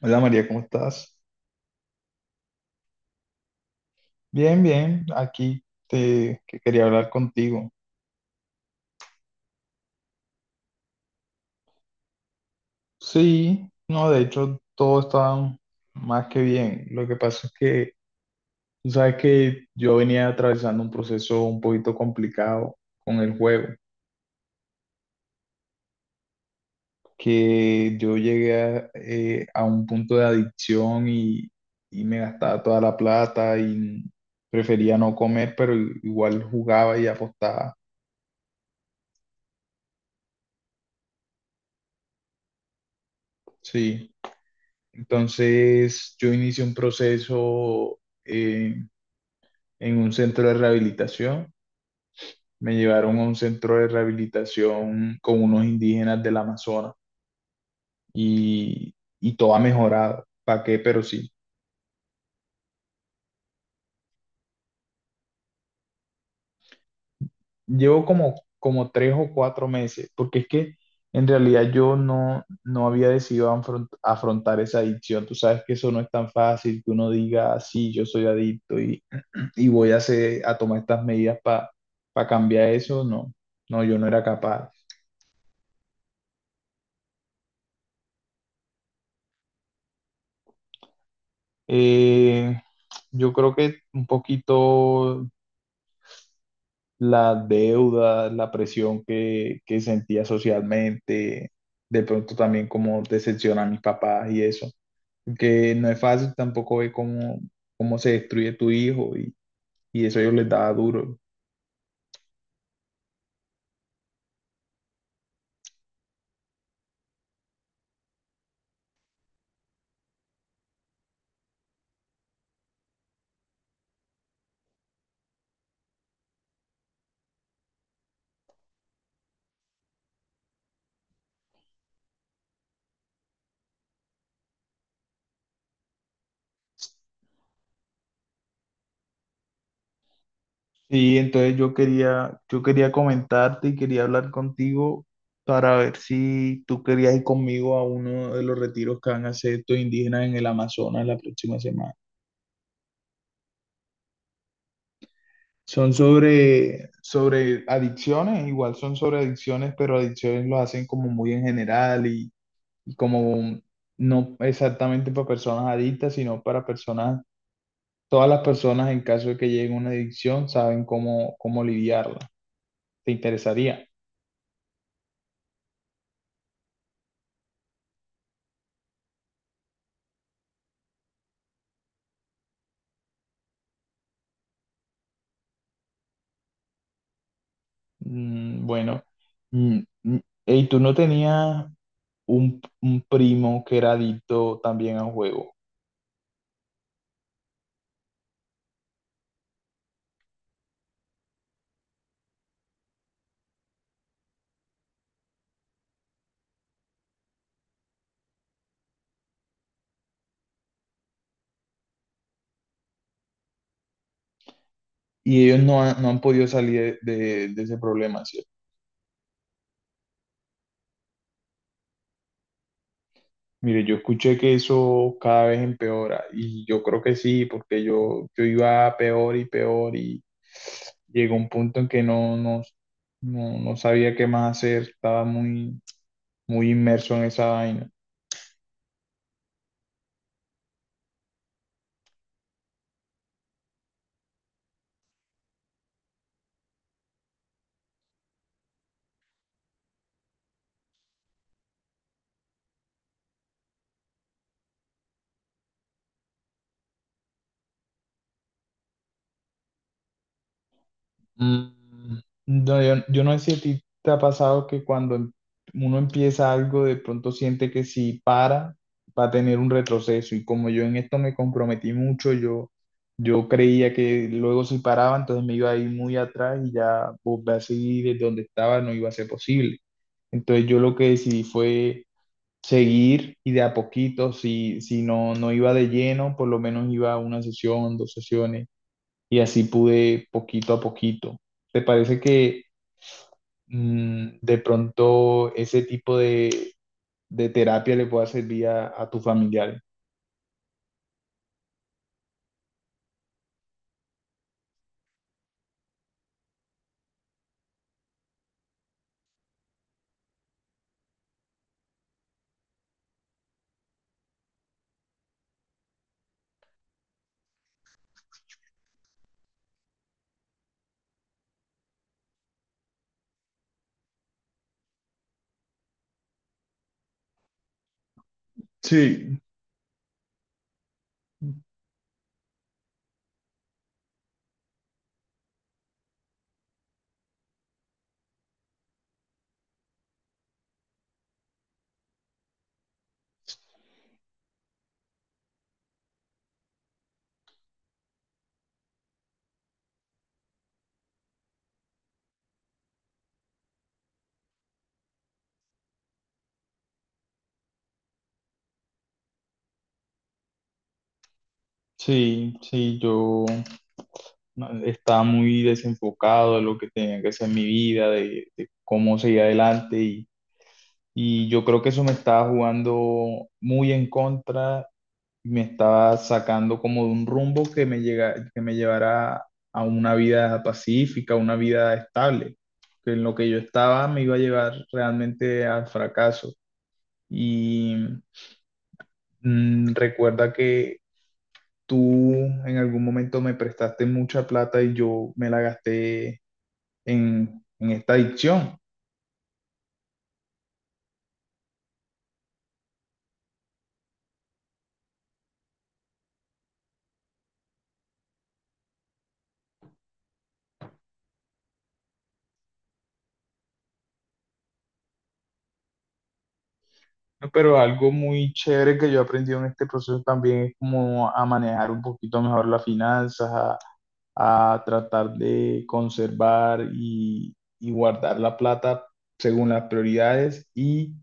Hola María, ¿cómo estás? Bien, bien, aquí te que quería hablar contigo. Sí, no, de hecho todo está más que bien. Lo que pasa es que tú sabes que yo venía atravesando un proceso un poquito complicado con el juego, que yo llegué a un punto de adicción y me gastaba toda la plata y prefería no comer, pero igual jugaba y apostaba. Sí. Entonces, yo inicié un proceso eh, en un centro de rehabilitación. Me llevaron a un centro de rehabilitación con unos indígenas del Amazonas y, y todo ha mejorado. ¿Para qué? Pero sí. Llevo como 3 o 4 meses, porque es que en realidad yo no había decidido afrontar esa adicción. Tú sabes que eso no es tan fácil que uno diga: "Ah, sí, yo soy adicto y voy a tomar estas medidas para cambiar eso". No, no, yo no era capaz. Eh, yo creo que un poquito la deuda, la presión que sentía socialmente, de pronto también como decepcionar a mis papás y eso, que no es fácil tampoco ver cómo se destruye tu hijo y eso yo les daba duro. Sí, entonces yo quería comentarte y quería hablar contigo para ver si tú querías ir conmigo a uno de los retiros que van a hacer estos indígenas en el Amazonas la próxima semana. Son sobre adicciones, igual son sobre adicciones, pero adicciones lo hacen como muy en general y como no exactamente para personas adictas, sino para personas, todas las personas en caso de que lleguen a una adicción saben cómo lidiarla. ¿Te interesaría? Bueno, mm, mm, ¿y tú no tenías un primo que era adicto también al juego? Y ellos no han podido salir de ese problema, ¿cierto? Mire, yo escuché que eso cada vez empeora y yo creo que sí, porque yo iba peor y peor y llegó un punto en que no sabía qué más hacer, estaba muy, muy inmerso en esa vaina. Mm, No, yo no sé si a ti te ha pasado que cuando uno empieza algo, de pronto siente que si para, va a tener un retroceso. Y como yo en esto me comprometí mucho, yo creía que luego si paraba, entonces me iba a ir muy atrás y ya volver a seguir desde donde estaba no iba a ser posible. Entonces yo lo que decidí fue seguir y de a poquito, si no, iba de lleno, por lo menos iba a una sesión, dos sesiones y así pude poquito a poquito. ¿Te parece que de pronto ese tipo de terapia le pueda servir a tu familiar? Sí, sí, sí, yo no, estaba muy desenfocado de lo que tenía que hacer en mi vida, de cómo seguir adelante y yo creo que eso me estaba jugando muy en contra, me estaba sacando como de un rumbo que me llevara a una vida pacífica, una vida estable, que en lo que yo estaba me iba a llevar realmente al fracaso. Y recuerda que tú en algún momento me prestaste mucha plata y yo me la gasté en esta adicción. Pero algo muy chévere que yo he aprendido en este proceso también es como a manejar un poquito mejor las finanzas, a tratar de conservar y guardar la plata según las prioridades y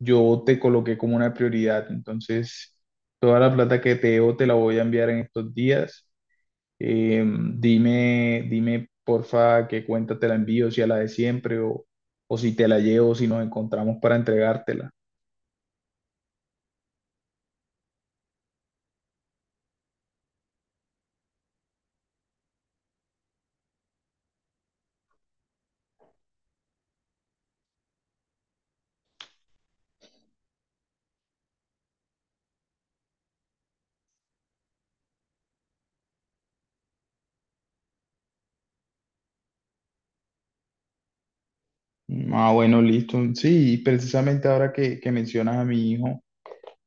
yo te coloqué como una prioridad. Entonces, toda la plata que te debo te la voy a enviar en estos días. Eh, Dime, dime, porfa, qué cuenta te la envío, si a la de siempre o si te la llevo, si nos encontramos para entregártela. Ah, bueno, listo. Sí, precisamente ahora que mencionas a mi hijo.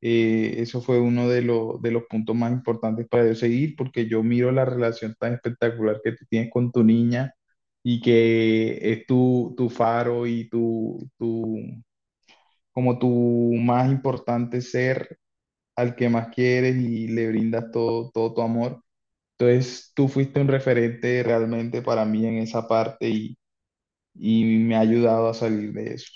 Eso fue uno de los puntos más importantes para yo seguir, porque yo miro la relación tan espectacular que tú tienes con tu niña y que es tu faro y como tu más importante ser al que más quieres y le brindas todo, todo tu amor. Entonces, tú fuiste un referente realmente para mí en esa parte y me ha ayudado a salir de eso.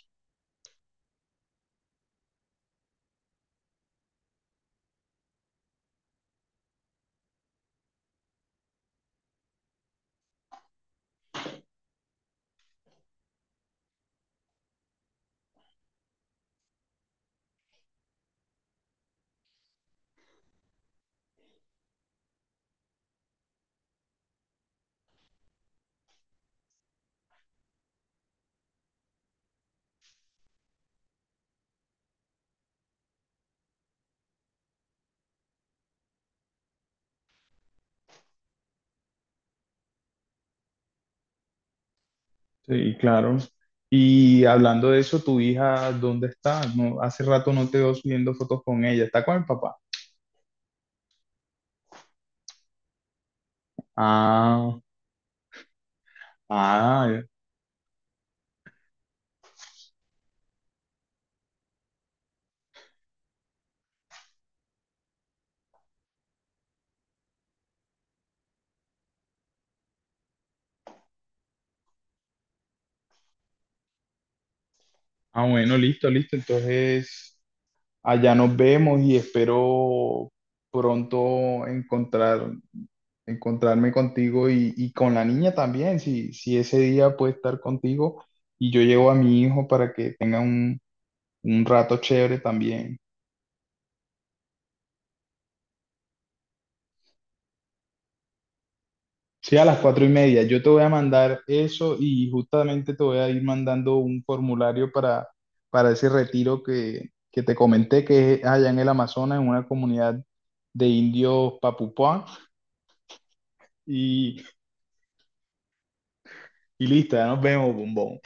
Sí, claro. Y hablando de eso, ¿tu hija dónde está? No, hace rato no te veo subiendo fotos con ella. ¿Está con el papá? Ah, ah, ya. Ah, bueno, listo, listo. Entonces, allá nos vemos y espero pronto encontrarme contigo y con la niña también, si ese día puede estar contigo y yo llevo a mi hijo para que tenga un rato chévere también. Sí, a las 4:30. Yo te voy a mandar eso y justamente te voy a ir mandando un formulario para ese retiro que te comenté, que es allá en el Amazonas, en una comunidad de indios Papupá. Y, y listo, ya nos vemos, bombón.